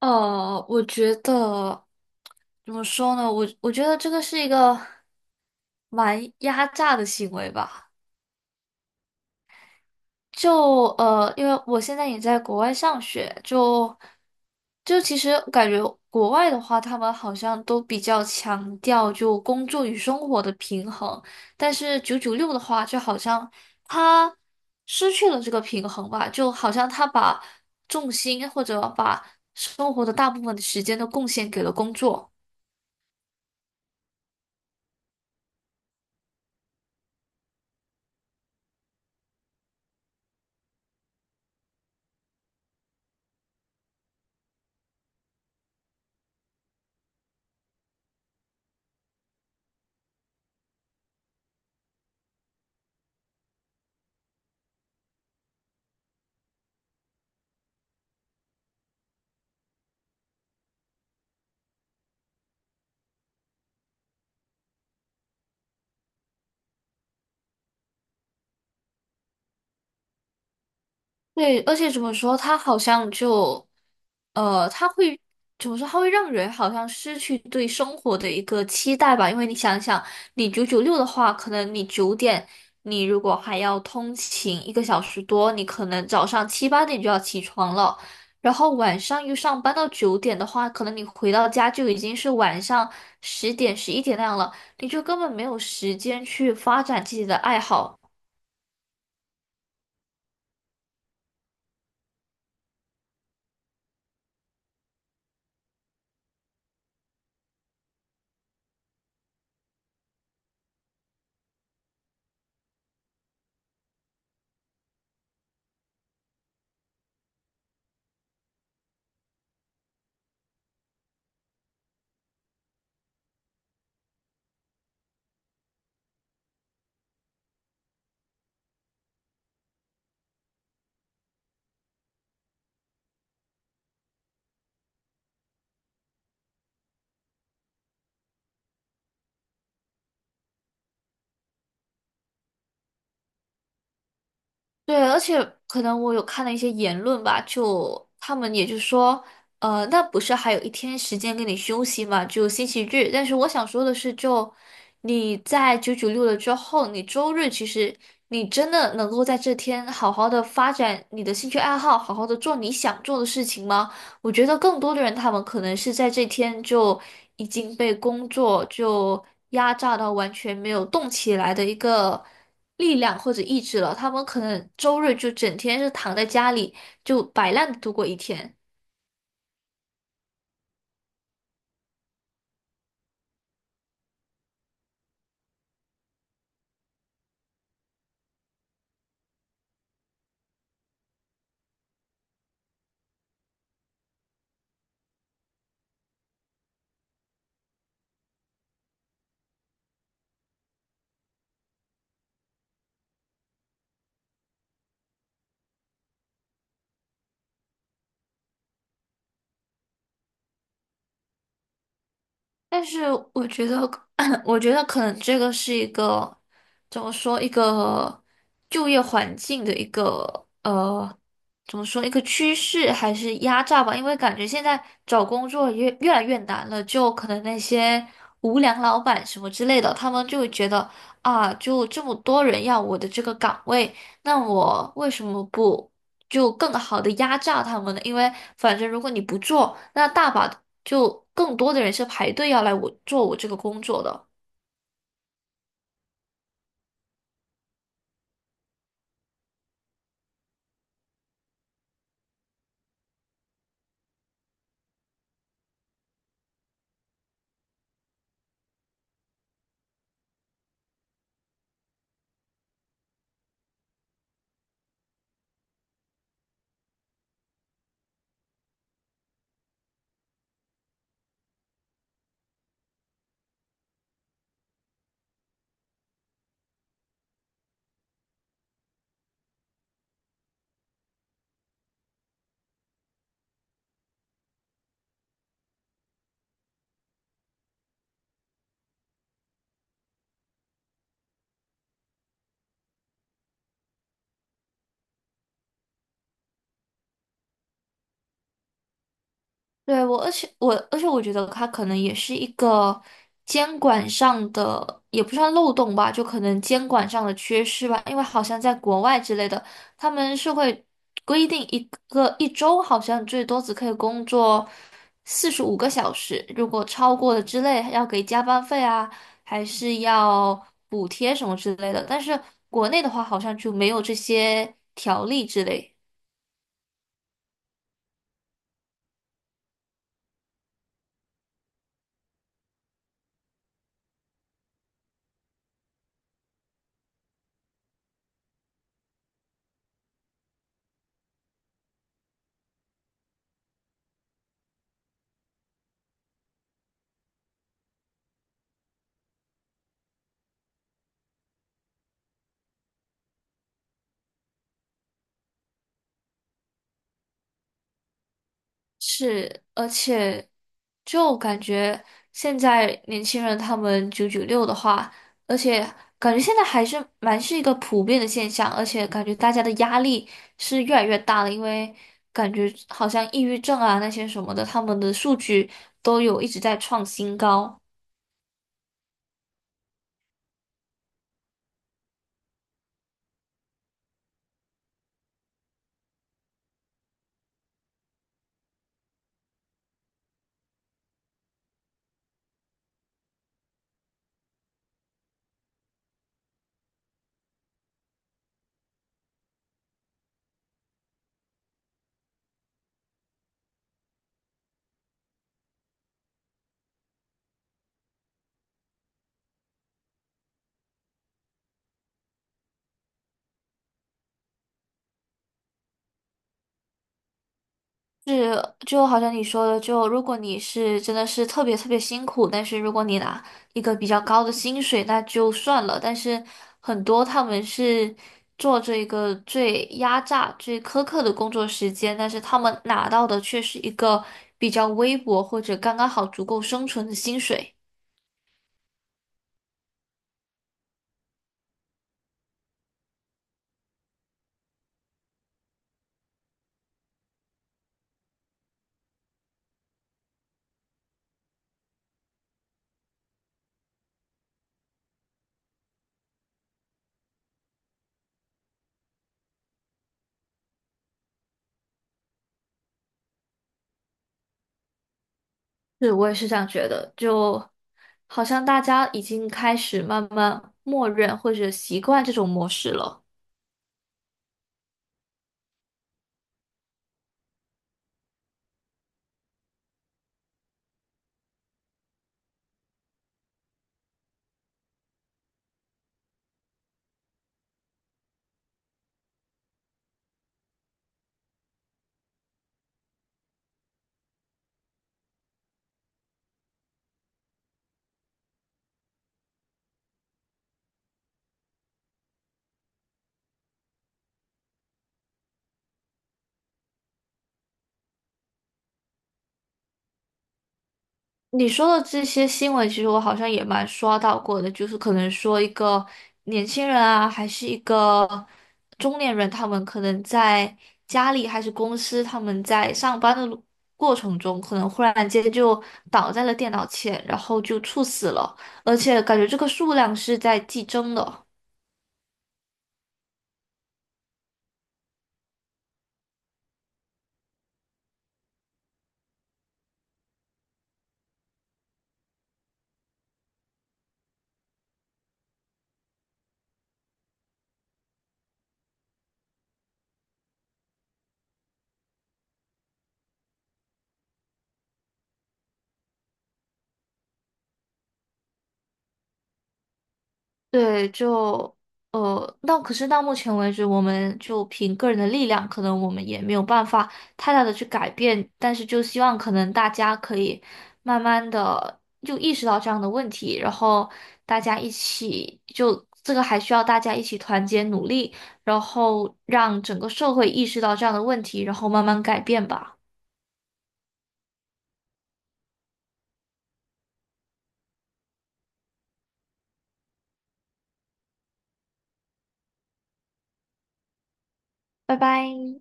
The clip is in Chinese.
我觉得怎么说呢？我我觉得这个是一个蛮压榨的行为吧。就因为我现在也在国外上学，就就其实感觉国外的话，他们好像都比较强调就工作与生活的平衡，但是九九六的话，就好像他失去了这个平衡吧，就好像他把重心或者把生活的大部分的时间都贡献给了工作。对，而且怎么说，他好像就，他会怎么说？他会让人好像失去对生活的一个期待吧。因为你想想，你九九六的话，可能你九点，你如果还要通勤一个小时多，你可能早上七八点就要起床了，然后晚上又上班到九点的话，可能你回到家就已经是晚上十点、十一点那样了，你就根本没有时间去发展自己的爱好。对，而且可能我有看了一些言论吧，就他们也就说，那不是还有一天时间给你休息嘛，就星期日。但是我想说的是就，你在九九六了之后，你周日其实你真的能够在这天好好的发展你的兴趣爱好，好好的做你想做的事情吗？我觉得更多的人他们可能是在这天就已经被工作就压榨到完全没有动起来的一个。力量或者意志了，他们可能周日就整天是躺在家里就摆烂地度过一天。但是我觉得，我觉得可能这个是一个怎么说，一个就业环境的一个怎么说一个趋势还是压榨吧，因为感觉现在找工作越越来越难了，就可能那些无良老板什么之类的，他们就会觉得啊，就这么多人要我的这个岗位，那我为什么不就更好的压榨他们呢？因为反正如果你不做，那大把就更多的人是排队要来我做我这个工作的。对，我，而且我觉得它可能也是一个监管上的，也不算漏洞吧，就可能监管上的缺失吧。因为好像在国外之类的，他们是会规定一个一周好像最多只可以工作45个小时，如果超过了之类，要给加班费啊，还是要补贴什么之类的。但是国内的话，好像就没有这些条例之类。是，而且就感觉现在年轻人他们九九六的话，而且感觉现在还是蛮是一个普遍的现象，而且感觉大家的压力是越来越大了，因为感觉好像抑郁症啊那些什么的，他们的数据都有一直在创新高。是，就好像你说的，就如果你是真的是特别特别辛苦，但是如果你拿一个比较高的薪水，那就算了。但是很多他们是做这个最压榨、最苛刻的工作时间，但是他们拿到的却是一个比较微薄或者刚刚好足够生存的薪水。是，我也是这样觉得，就好像大家已经开始慢慢默认或者习惯这种模式了。你说的这些新闻，其实我好像也蛮刷到过的，就是可能说一个年轻人啊，还是一个中年人，他们可能在家里还是公司，他们在上班的路过程中，可能忽然间就倒在了电脑前，然后就猝死了，而且感觉这个数量是在激增的。对，就那可是到目前为止，我们就凭个人的力量，可能我们也没有办法太大的去改变，但是就希望可能大家可以慢慢的就意识到这样的问题，然后大家一起就这个还需要大家一起团结努力，然后让整个社会意识到这样的问题，然后慢慢改变吧。拜拜。